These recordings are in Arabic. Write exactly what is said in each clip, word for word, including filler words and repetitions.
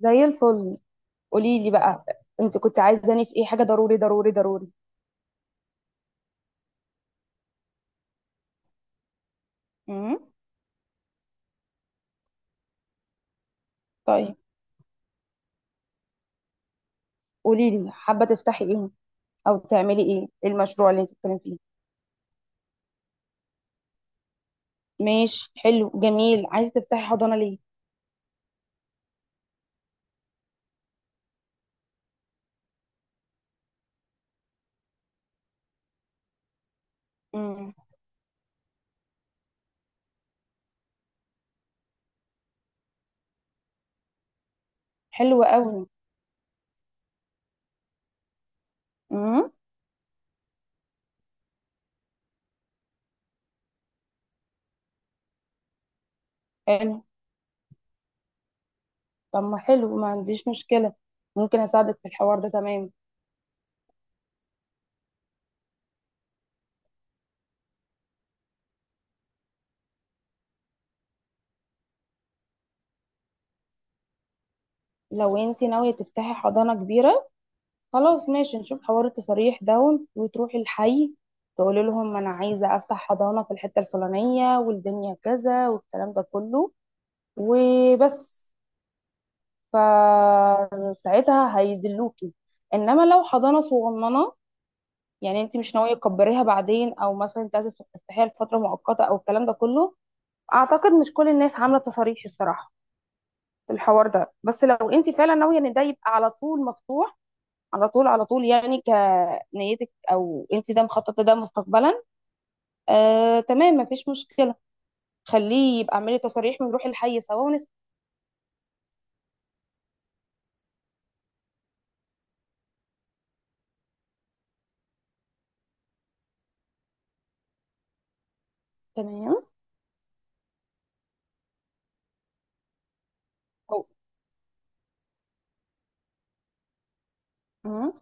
زي الفل. قولي لي بقى، انت كنت عايزاني في ايه؟ حاجه ضروري ضروري ضروري. امم طيب، قولي لي، حابه تفتحي ايه او تعملي ايه؟ ايه المشروع اللي انت بتتكلمي فيه؟ ماشي، حلو، جميل. عايزه تفتحي حضانه ليه؟ امم حلو قوي. امم حلو. طب ما حلو، ما عنديش مشكله. ممكن اساعدك في الحوار ده، تمام. لو انت ناويه تفتحي حضانه كبيره، خلاص ماشي، نشوف حوار التصاريح ده وتروحي الحي تقولي لهم انا عايزه افتح حضانه في الحته الفلانيه والدنيا كذا والكلام ده كله وبس، فساعتها هيدلوكي. انما لو حضانه صغننه، يعني انت مش ناويه تكبريها بعدين، او مثلا انت عايزه تفتحيها لفتره مؤقته او الكلام ده كله، اعتقد مش كل الناس عامله تصاريح الصراحه في الحوار ده. بس لو انت فعلا ناويه ان ده يبقى على طول مفتوح، على طول على طول يعني، كنيتك او انت ده مخططه ده مستقبلا، آه تمام مفيش مشكله. خليه يبقى، اعملي تصاريح ونروح الحي سوا ونس. تمام. أو. مم.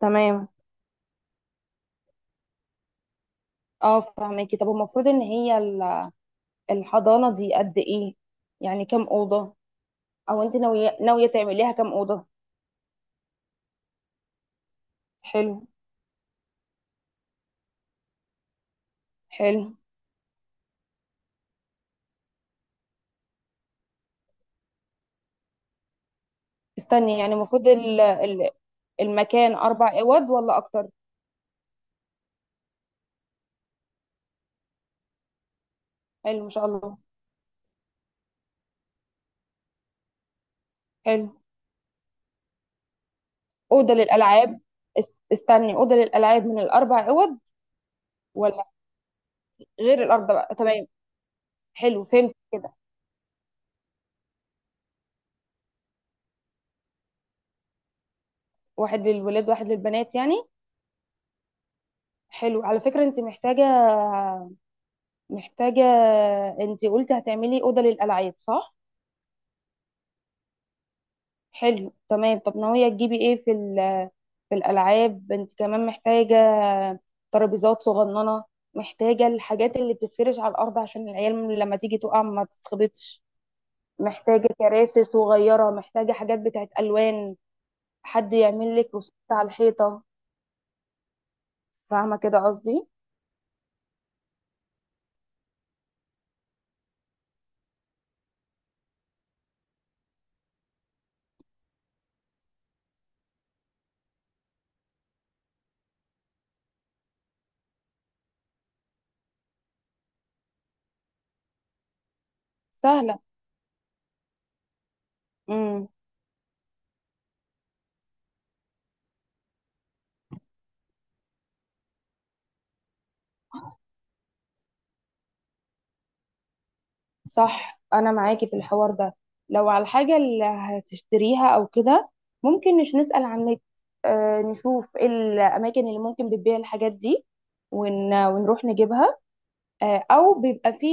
تمام. اه فهماكي. طب المفروض ان هي ال- الحضانه دي قد ايه؟ يعني كام اوضه؟ او انت ناويه ناويه تعمليها كام اوضه؟ حلو. حلو. استني، يعني المفروض ال- ال- المكان اربع اوض ولا اكتر؟ حلو ما شاء الله. حلو. اوضه للالعاب. است- استني، اوضه للالعاب من الاربع اوض ولا؟ غير الارض بقى، تمام. حلو، فهمت كده. واحد للولاد واحد للبنات يعني. حلو، على فكرة انت محتاجة، محتاجة. انت قلتي هتعملي أوضة للألعاب صح؟ حلو تمام. طب ناوية تجيبي ايه في ال- في الألعاب؟ انت كمان محتاجة ترابيزات صغننة، محتاجة الحاجات اللي بتتفرش على الأرض عشان العيال لما تيجي تقع ما تتخبطش، محتاجة كراسي صغيرة، محتاجة حاجات بتاعت ألوان. حد يعمل لك رسومات على الحيطة، فاهمة كده قصدي؟ سهلة. امم. صح، انا معاكي في الحوار ده. لو على الحاجة اللي هتشتريها او كده، ممكن نش نسأل عن النت، آه، نشوف ايه الاماكن اللي ممكن بتبيع الحاجات دي ون... ونروح نجيبها. آه، او بيبقى في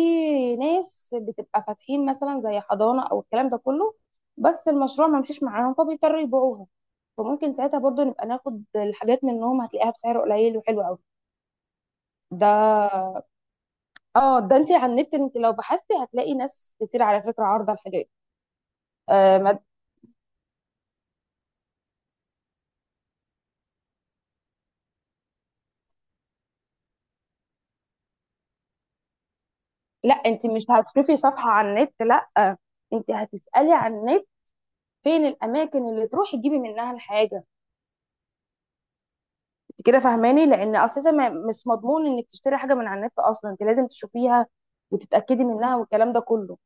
ناس بتبقى فاتحين مثلا زي حضانة او الكلام ده كله، بس المشروع ما مشيش معاهم فبيضطروا يبيعوها، فممكن ساعتها برضه نبقى ناخد الحاجات منهم، هتلاقيها بسعر قليل وحلو قوي. ده. اه، ده انت على النت، انت لو بحثتي هتلاقي ناس كتير على فكره عارضه الحاجات. آه ما... لا، انت مش هتشوفي صفحه على النت، لا، انت هتسالي على النت فين الاماكن اللي تروحي تجيبي منها الحاجه. انت كده فاهماني، لان اساسا ما... مش مضمون انك تشتري حاجه من على النت اصلا، انت لازم تشوفيها وتتاكدي منها والكلام ده كله.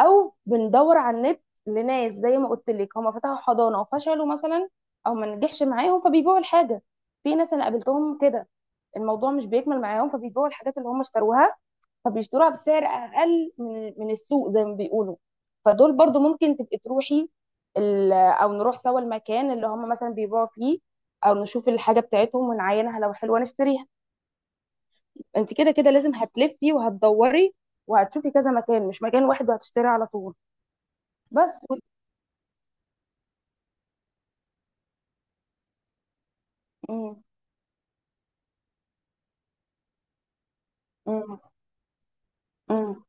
او بندور على النت لناس زي ما قلت لك هم فتحوا حضانه وفشلوا مثلا، او ما نجحش معاهم فبيبيعوا الحاجه. في ناس انا قابلتهم كده، الموضوع مش بيكمل معاهم فبيبيعوا الحاجات اللي هم اشتروها، فبيشتروها بسعر اقل من من السوق زي ما بيقولوا. فدول برضو ممكن تبقي تروحي ال- او نروح سوا المكان اللي هم مثلا بيبيعوا فيه، او نشوف الحاجه بتاعتهم ونعاينها، لو حلوه نشتريها. انت كده كده لازم هتلفي وهتدوري وهتشوفي كذا مكان، مش مكان واحد وهتشتري على طول. بس و... مم. مم. مم.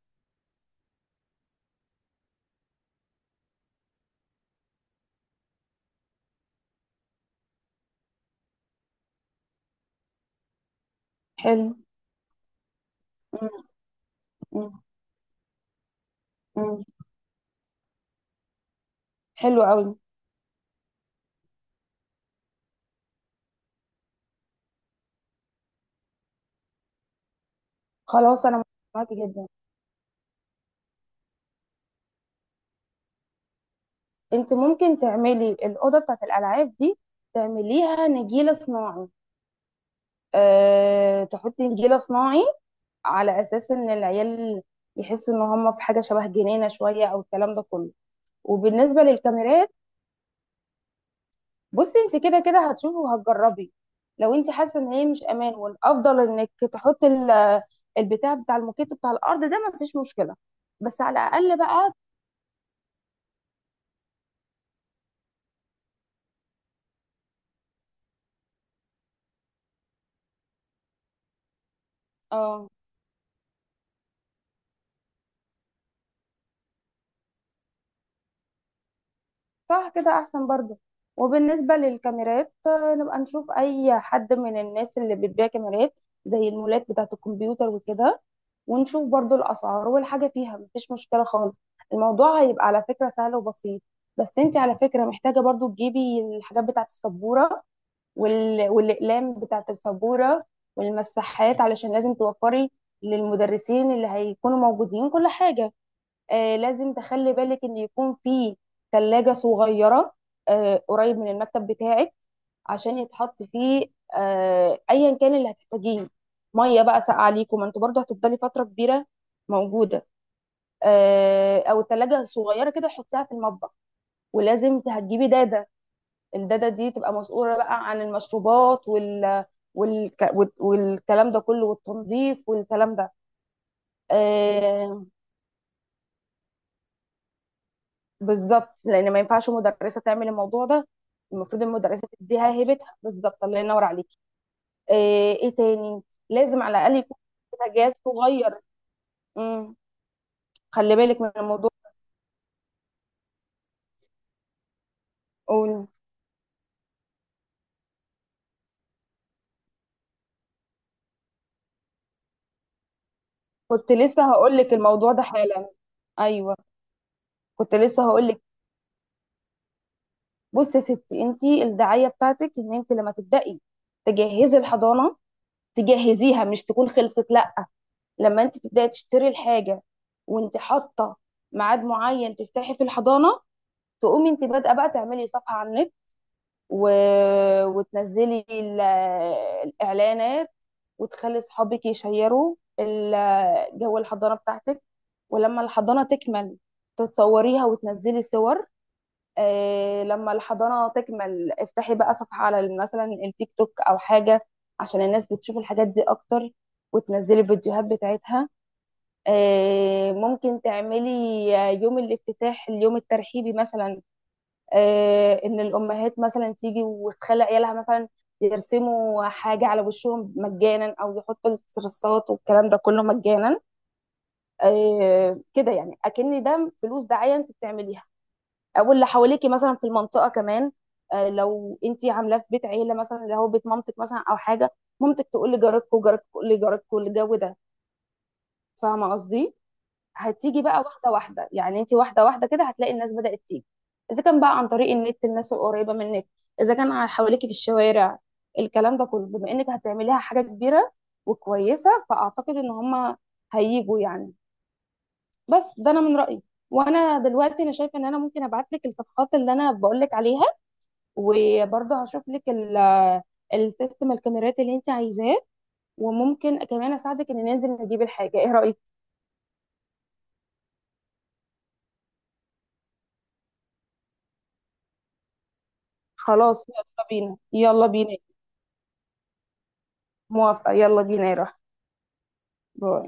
حلو. مم. مم. مم. حلو قوي. خلاص، انا معاكي جدا. انت ممكن تعملي الاوضه بتاعت الالعاب دي، تعمليها نجيله صناعي. أه... تحطي نجيله صناعي على اساس ان العيال يحسوا ان هم في حاجه شبه جنينه شويه او الكلام ده كله. وبالنسبه للكاميرات، بصي انت كده كده هتشوفي وهتجربي، لو انت حاسه ان هي مش امان، والافضل انك تحطي ال- البتاع بتاع الموكيت بتاع الارض ده، مفيش مشكله، بس على الاقل بقى. اه. صح، كده احسن برضو. وبالنسبة للكاميرات آه، نبقى نشوف اي حد من الناس اللي بتبيع كاميرات زي المولات بتاعة الكمبيوتر وكده، ونشوف برضو الاسعار والحاجة، فيها مفيش مشكلة خالص. الموضوع هيبقى على فكرة سهل وبسيط. بس انت على فكرة محتاجة برضو تجيبي الحاجات بتاعة السبورة وال... والاقلام بتاعة السبورة والمساحات، علشان لازم توفري للمدرسين اللي هيكونوا موجودين كل حاجة. آه، لازم تخلي بالك ان يكون في ثلاجة صغيرة، آه، قريب من المكتب بتاعك عشان يتحط فيه، آه، ايا كان اللي هتحتاجيه، ميه بقى ساقعة ليكم، ما انتوا برضه هتفضلي فترة كبيرة موجودة. آه، او الثلاجة الصغيرة كده حطيها في المطبخ. ولازم هتجيبي دادة، الدادة دي تبقى مسؤولة بقى عن المشروبات وال والك... والكلام ده كله، والتنظيف والكلام ده. آه، بالظبط، لان ما ينفعش مدرسه تعمل الموضوع ده. المفروض المدرسه تديها هيبتها بالظبط. الله ينور عليكي. ايه, ايه تاني؟ لازم على الاقل يكون كده جهاز صغير. امم خلي بالك من الموضوع. قول. كنت لسه هقول لك الموضوع ده حالا. ايوه. كنت لسه هقول لك. بصي يا ستي، انت الدعايه بتاعتك ان انت لما تبداي تجهزي الحضانه، تجهزيها مش تكون خلصت، لا، لما انت تبداي تشتري الحاجه وانت حاطه ميعاد معين تفتحي في الحضانه، تقومي انت بادئه بقى تعملي صفحه على النت و... وتنزلي ال- الاعلانات، وتخلي صحابك يشيروا ال- جو الحضانه بتاعتك. ولما الحضانه تكمل، تتصوريها وتنزلي صور. آه، لما الحضانه تكمل افتحي بقى صفحه على مثلا التيك توك او حاجه عشان الناس بتشوف الحاجات دي اكتر، وتنزلي الفيديوهات بتاعتها. آه، ممكن تعملي يوم الافتتاح، اليوم الترحيبي مثلا، آه، ان الامهات مثلا تيجي وتخلي عيالها مثلا يرسموا حاجه على وشهم مجانا، او يحطوا الصرصات والكلام ده كله مجانا. آه، كده يعني اكن ده فلوس دعايه انت بتعمليها. او اللي حواليكي مثلا في المنطقه كمان، آه، لو انت عاملاه في بيت عيله مثلا، اللي هو بيت مامتك مثلا او حاجه، مامتك تقول لجارتكم، جارتكم تقول لجارتكم الجو ده، فاهمه قصدي؟ هتيجي بقى واحده واحده يعني، انت واحده واحده كده هتلاقي الناس بدات تيجي، اذا كان بقى عن طريق النت الناس القريبه منك، اذا كان على حواليكي في الشوارع، الكلام ده كله، بما انك هتعمليها حاجه كبيره وكويسه، فاعتقد ان هم هيجوا يعني. بس ده انا من رايي. وانا دلوقتي انا شايفه ان انا ممكن ابعت لك الصفحات اللي انا بقول لك عليها، وبرضه هشوف لك ال- السيستم الكاميرات اللي انت عايزاه، وممكن كمان اساعدك ان ننزل نجيب الحاجه، ايه رايك؟ خلاص يلا بينا، يلا بينا. موافقة، يلا بينا يا روحي. باي.